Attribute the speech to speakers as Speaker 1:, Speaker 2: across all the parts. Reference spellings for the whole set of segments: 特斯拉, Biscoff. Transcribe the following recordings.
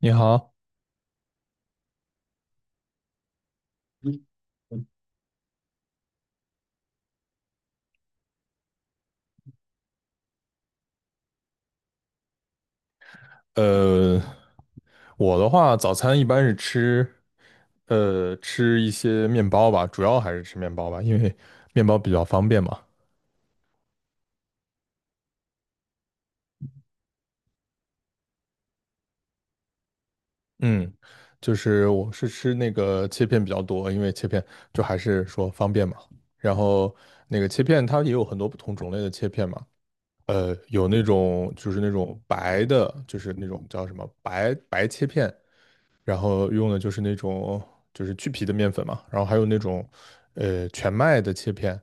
Speaker 1: 你好，呃，我的话，早餐一般是吃，吃一些面包吧，主要还是吃面包吧，因为面包比较方便嘛。嗯，就是我是吃那个切片比较多，因为切片就还是说方便嘛。然后那个切片它也有很多不同种类的切片嘛，有那种就是那种白的，就是那种叫什么白白切片，然后用的就是那种就是去皮的面粉嘛，然后还有那种全麦的切片，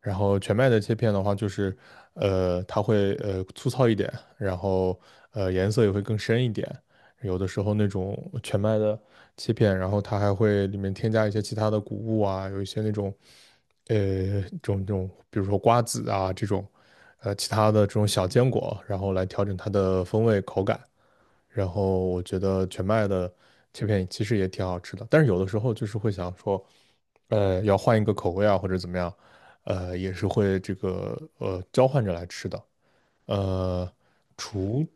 Speaker 1: 然后全麦的切片的话就是它会粗糙一点，然后颜色也会更深一点，有的时候那种全麦的切片，然后它还会里面添加一些其他的谷物啊，有一些那种呃这种比如说瓜子啊这种其他的这种小坚果，然后来调整它的风味口感。然后我觉得全麦的切片其实也挺好吃的，但是有的时候就是会想说，要换一个口味啊，或者怎么样，也是会这个交换着来吃的。呃，除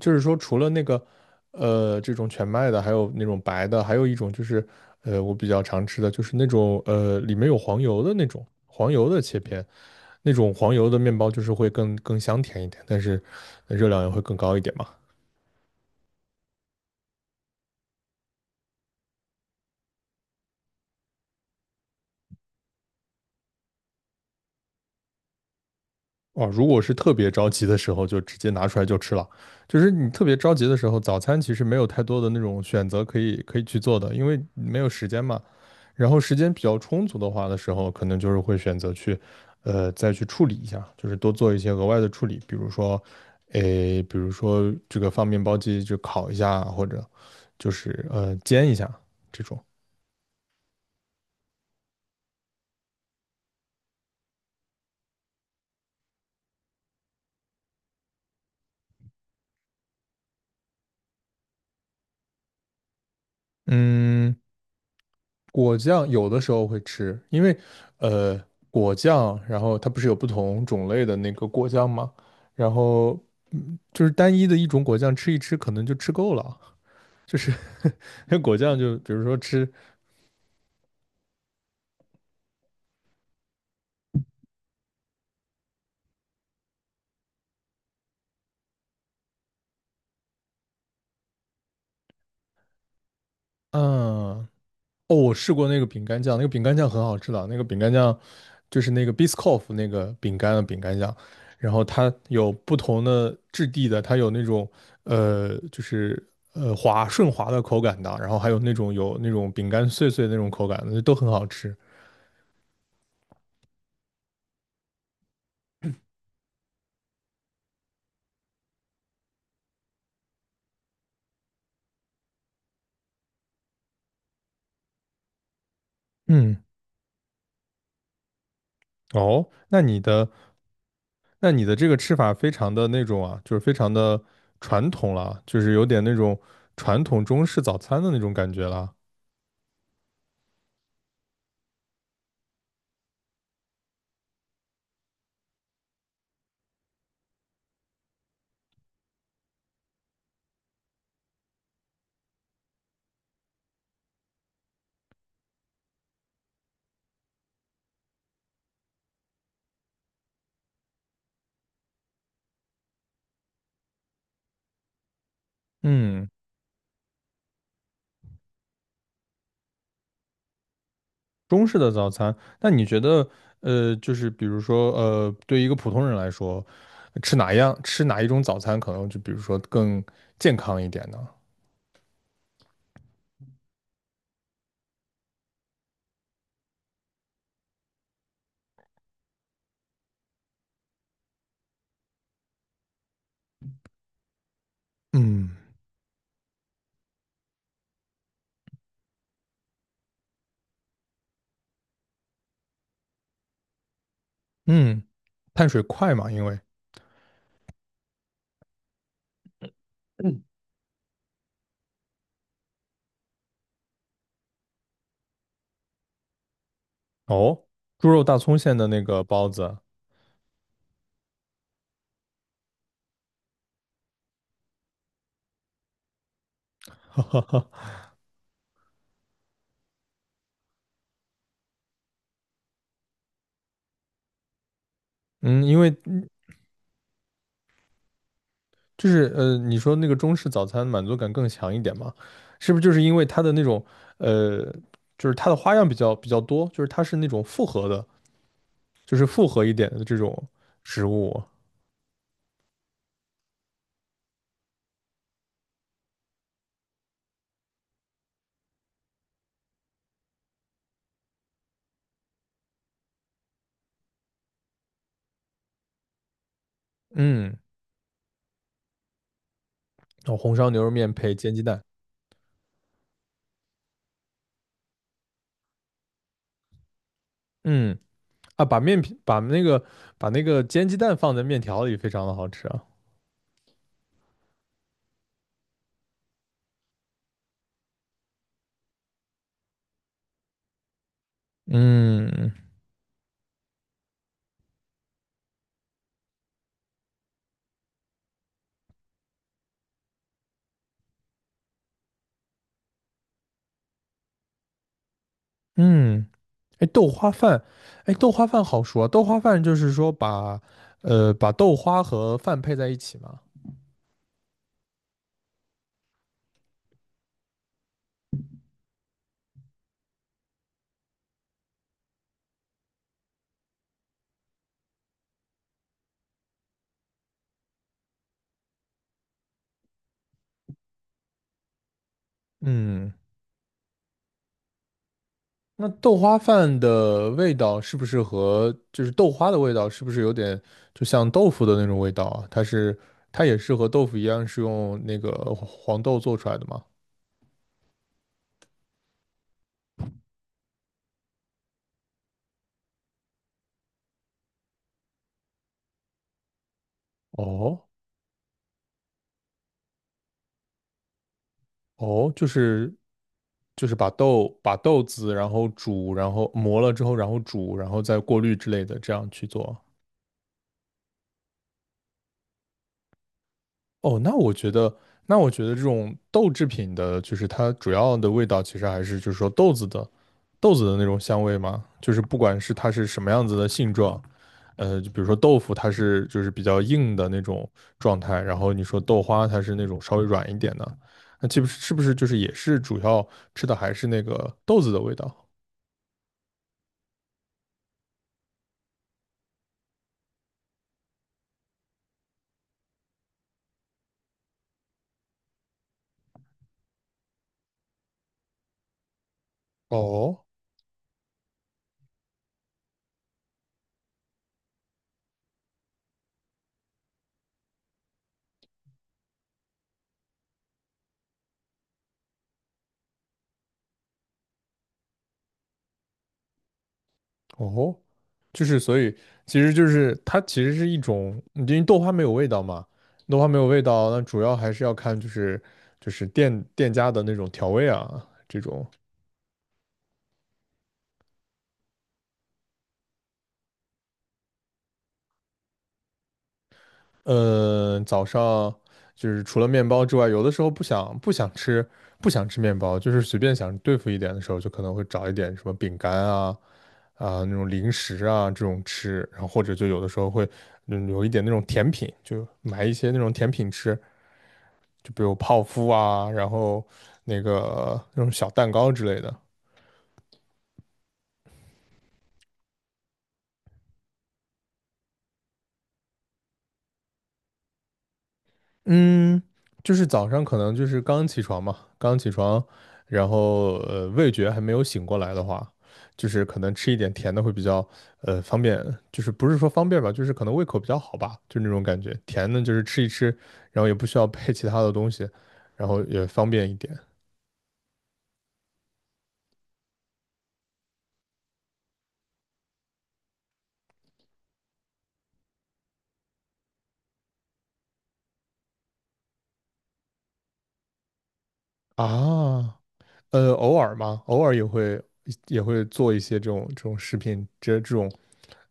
Speaker 1: 就是说除了那个这种全麦的，还有那种白的，还有一种就是我比较常吃的就是那种里面有黄油的那种黄油的切片，那种黄油的面包就是会更香甜一点，但是热量也会更高一点嘛。哦，如果是特别着急的时候，就直接拿出来就吃了。就是你特别着急的时候，早餐其实没有太多的那种选择可以去做的，因为没有时间嘛。然后时间比较充足的话的时候，可能就是会选择去，再去处理一下，就是多做一些额外的处理，比如说，诶，比如说这个放面包机就烤一下，或者就是煎一下这种。嗯，果酱有的时候会吃，因为呃果酱，然后它不是有不同种类的那个果酱吗？然后嗯就是单一的一种果酱吃一吃，可能就吃够了，就是 果酱就比如说吃，嗯，哦，我试过那个饼干酱，那个饼干酱很好吃的，那个饼干酱就是那个 Biscoff 那个饼干的饼干酱，然后它有不同的质地的，它有那种就是滑顺滑的口感的，然后还有那种有那种饼干碎碎的那种口感的，都很好吃。嗯，哦，那你的这个吃法非常的那种啊，就是非常的传统了啊，就是有点那种传统中式早餐的那种感觉了。嗯。中式的早餐，那你觉得，就是比如说，对一个普通人来说，吃哪样，吃哪一种早餐，可能就比如说更健康一点呢？嗯嗯，碳水快嘛，因为哦，猪肉大葱馅的那个包子，哈哈哈，嗯，因为就是你说那个中式早餐满足感更强一点嘛，是不是就是因为它的那种呃，就是它的花样比较多，就是它是那种复合的，就是复合一点的这种食物。嗯，哦红烧牛肉面配煎鸡蛋，嗯啊，把那个煎鸡蛋放在面条里，非常的好吃啊。嗯嗯，哎，豆花饭，哎，豆花饭好说啊，豆花饭就是说把把豆花和饭配在一起嘛。嗯，那豆花饭的味道是不是和就是豆花的味道是不是有点就像豆腐的那种味道啊？它是它也是和豆腐一样是用那个黄豆做出来的吗？哦。哦，就是就是把豆子，然后煮，然后磨了之后，然后煮，然后再过滤之类的，这样去做。哦，那我觉得这种豆制品的，就是它主要的味道，其实还是就是说豆子的那种香味嘛。就是不管是它是什么样子的性状，就比如说豆腐，它是就是比较硬的那种状态，然后你说豆花，它是那种稍微软一点的，那岂不是是不是就是也是主要吃的还是那个豆子的味道？哦哦，就是所以，其实就是它其实是一种，因为豆花没有味道嘛，豆花没有味道，那主要还是要看就是就是店家的那种调味啊，这种，嗯，早上就是除了面包之外，有的时候不想吃面包，就是随便想对付一点的时候，就可能会找一点什么饼干啊啊那种零食啊这种吃，然后或者就有的时候会嗯有一点那种甜品，就买一些那种甜品吃。就比如泡芙啊，然后那个那种小蛋糕之类的。嗯，就是早上可能就是刚起床嘛，刚起床，然后味觉还没有醒过来的话，就是可能吃一点甜的会比较方便，就是不是说方便吧，就是可能胃口比较好吧，就那种感觉。甜的就是吃一吃，然后也不需要配其他的东西，然后也方便一点啊。偶尔嘛，偶尔也会做一些这种食品，这种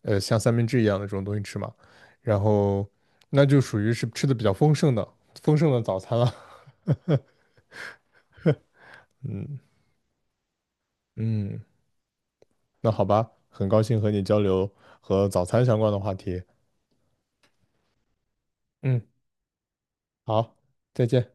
Speaker 1: 像三明治一样的这种东西吃嘛，然后那就属于是吃的比较丰盛的早餐了。嗯嗯，那好吧，很高兴和你交流和早餐相关的话题。嗯，好，再见。